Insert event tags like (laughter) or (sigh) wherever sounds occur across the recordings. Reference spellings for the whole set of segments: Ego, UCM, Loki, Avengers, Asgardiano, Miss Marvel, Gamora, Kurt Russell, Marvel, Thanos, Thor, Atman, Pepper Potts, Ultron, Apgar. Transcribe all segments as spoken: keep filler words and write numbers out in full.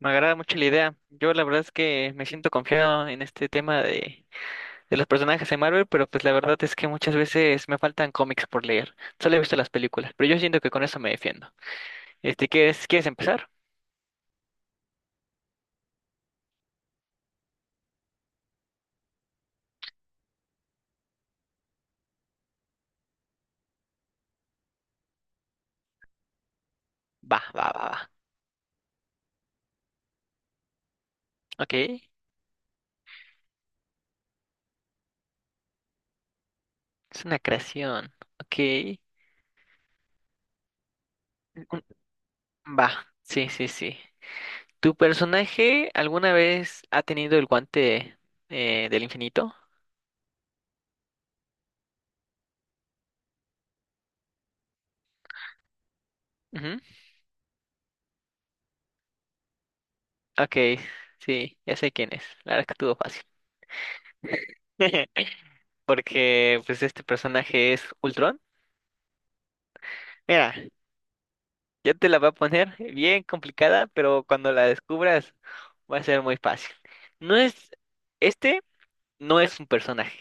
Me agrada mucho la idea. Yo la verdad es que me siento confiado en este tema de, de los personajes de Marvel, pero pues la verdad es que muchas veces me faltan cómics por leer. Solo he visto las películas, pero yo siento que con eso me defiendo. Este, ¿quieres, quieres empezar? Va, va, va, va. Ok. Es una creación. Ok. Un- Va. Sí, sí, sí. ¿Tu personaje alguna vez ha tenido el guante eh, del infinito? Ujú. Ok. Sí, ya sé quién es. La verdad es que estuvo fácil. (laughs) Porque pues este personaje es Ultron. Mira, ya te la va a poner bien complicada, pero cuando la descubras va a ser muy fácil. No es, este no es un personaje.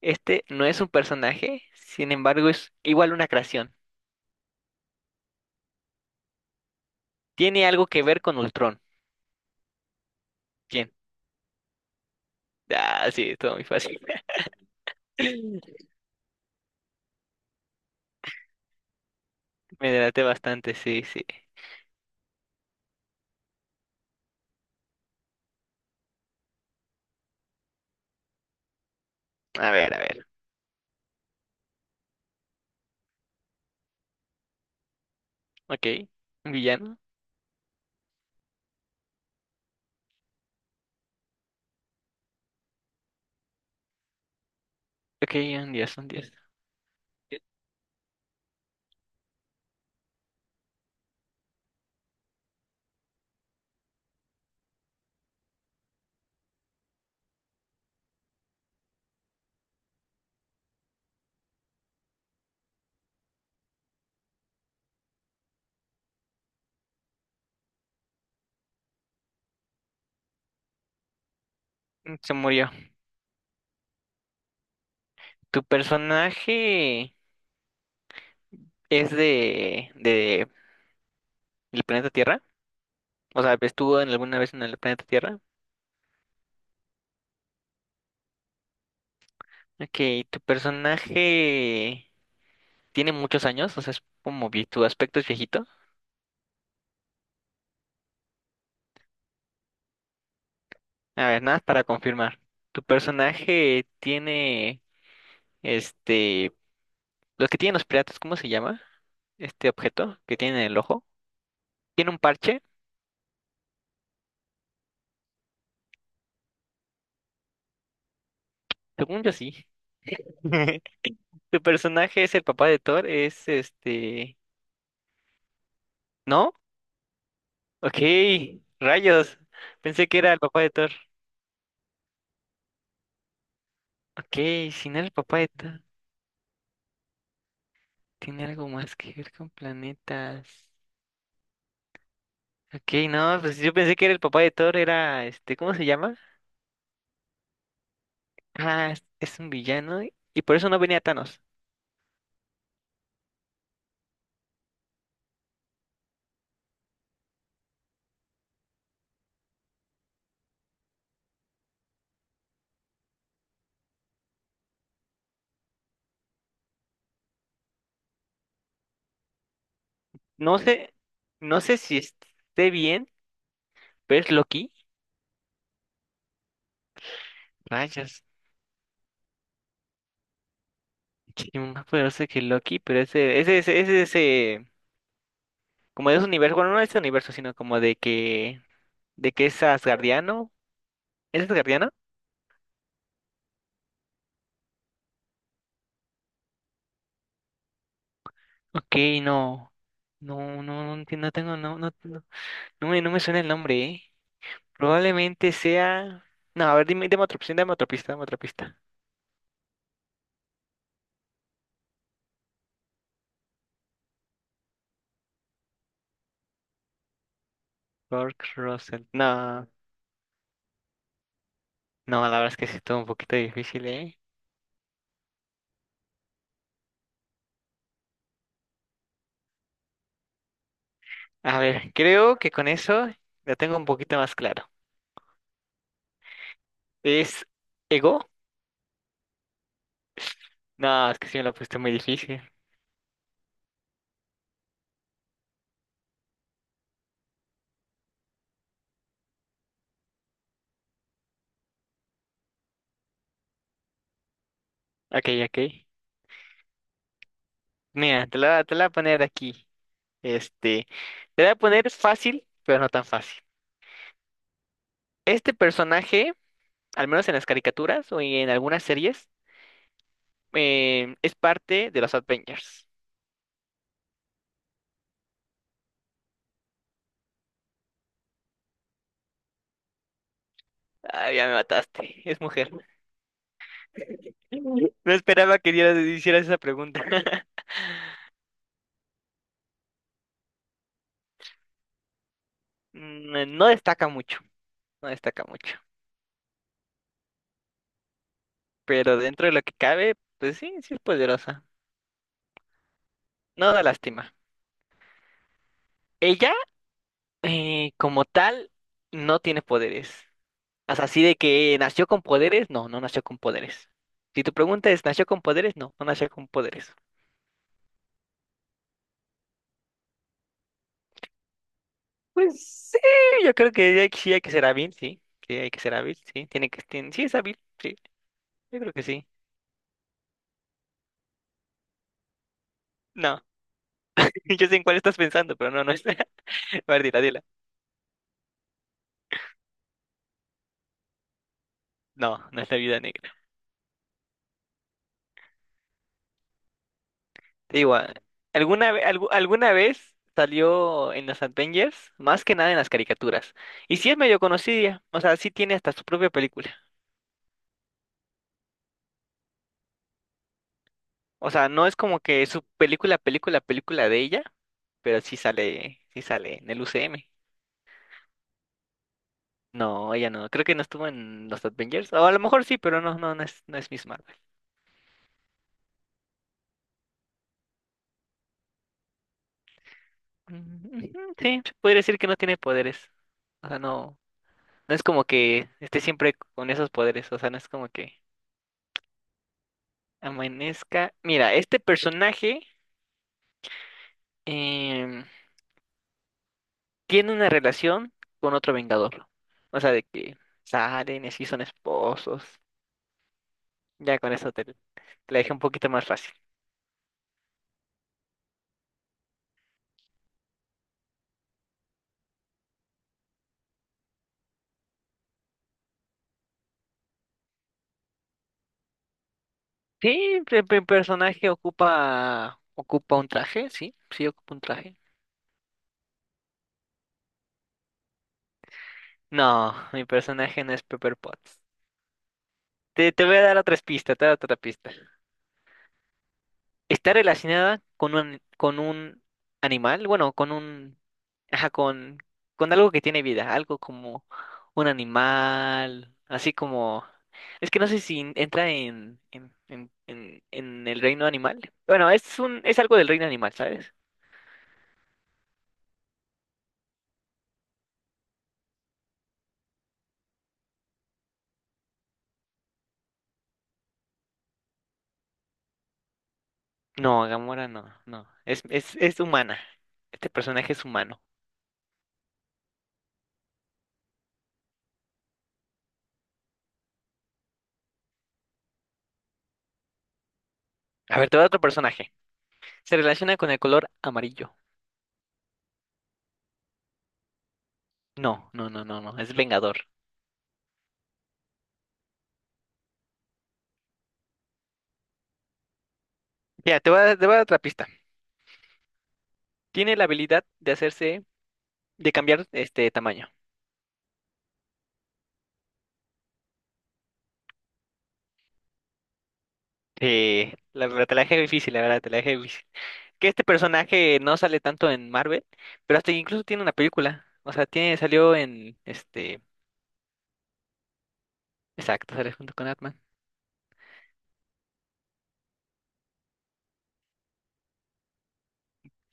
Este no es un personaje, sin embargo es igual una creación. Tiene algo que ver con Ultron. ¿Quién? Ah, sí, todo muy fácil. (laughs) Me delaté bastante, sí, sí. A ver, a ver. Ok, un villano. Ok, un dios, un dios. Mm, se murió. ¿Tu personaje es de, de el planeta Tierra? O sea, ¿estuvo en alguna vez en el planeta Tierra? Ok, ¿tu personaje tiene muchos años? O sea, es como vi- tu aspecto es viejito. A ver, nada más para confirmar. ¿Tu personaje tiene este, los que tienen los piratas? ¿Cómo se llama? Este objeto que tiene en el ojo. ¿Tiene un parche? Según yo sí. (laughs) ¿Tu personaje es el papá de Thor? Es este... ¿No? Ok, rayos. Pensé que era el papá de Thor. Ok, si no era el papá de Thor, tiene algo más que ver con planetas. Ok, no, pues yo pensé que era el papá de Thor, era este, ¿cómo se llama? Ah, es, es un villano y y por eso no venía Thanos. No sé, no sé si esté bien, pero es Loki. Rayos, que es más poderoso que Loki, pero ese, ese, ese, ese, ese como de ese universo, bueno, no de ese universo, sino como de que, de que es asgardiano. ¿Es asgardiano? Ok, no, no, no, no, enti- no tengo, no, no, no, no me, no me suena el nombre, ¿eh? Probablemente sea, no, a ver, dime, dame otra opción, dame otra pista, dame otra pista. Kurt Russell, no, no, la verdad es que sí estuvo un poquito difícil, ¿eh? A ver, creo que con eso la tengo un poquito más claro. ¿Es Ego? No, es que sí me lo pusiste muy difícil. Ok, ok. Mira, te la, te la voy a poner aquí. Este, le voy a poner fácil, pero no tan fácil. Este personaje, al menos en las caricaturas o en algunas series, eh, es parte de los Avengers. Ah, ya me mataste, es mujer. (laughs) No esperaba que dieras- hicieras esa pregunta. (laughs) Mm, no destaca mucho, no destaca mucho. Pero dentro de lo que cabe, pues sí, sí es poderosa. No da lástima. Ella, eh, como tal, no tiene poderes. O sea, así de que nació con poderes, no, no nació con poderes. Si tu pregunta es, ¿nació con poderes? No, no nació con poderes. Pues sí, yo creo que hay- sí hay que ser hábil, sí. Sí, hay que ser hábil, sí. Tiene que, tien- sí es hábil, sí. Yo creo que sí. No, (laughs) yo sé en cuál estás pensando, pero no, no es. (laughs) A ver, dila, dila. No, no es la vida negra. Te digo, ah, alguna, ve- algu- alguna vez salió en los Avengers, más que nada en las caricaturas. Y sí es medio conocida, o sea, sí tiene hasta su propia película. O sea, no es como que su película, película, película de ella, pero sí sale, sí sale en el U C M. No, ella no. Creo que no estuvo en los Avengers. O a lo mejor sí, pero no, no, no es, no es Miss Marvel. Mm, ujú, sí, se podría decir que no tiene poderes. O sea, no, no es como que esté siempre con esos poderes. O sea, no es como que amanezca. Mira, este personaje em, tiene una relación con otro Vengador. O sea, de que salen y así son esposos. Ya con eso te, te la dejé un poquito más fácil. Sí, el pe- personaje ocupa ocupa un traje, sí, sí ocupa un traje. No, mi personaje no es Pepper Potts. Te, te voy a dar otras pistas, te voy a dar otra pista. Está relacionada con un con un animal, bueno, con un ajá, con con algo que tiene vida, algo como un animal, así como es que no sé si entra en en en, en, en el reino animal. Bueno, es un es algo del reino animal, ¿sabes? No, Gamora no, no. Es, es, es humana. Este personaje es humano. A ver, te voy a otro personaje. Se relaciona con el color amarillo. No, no, no, no, no. Es Vengador. Ya, te voy a, te voy a dar otra pista. Tiene la habilidad de hacerse, de cambiar este tamaño. Eh, la verdad, te la dejé difícil, la verdad, te la dejé difícil. Que este personaje no sale tanto en Marvel, pero hasta incluso tiene una película. O sea, tiene, salió en este. Exacto, sale junto con Atman.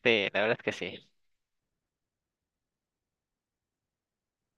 Sí, la verdad es que sí.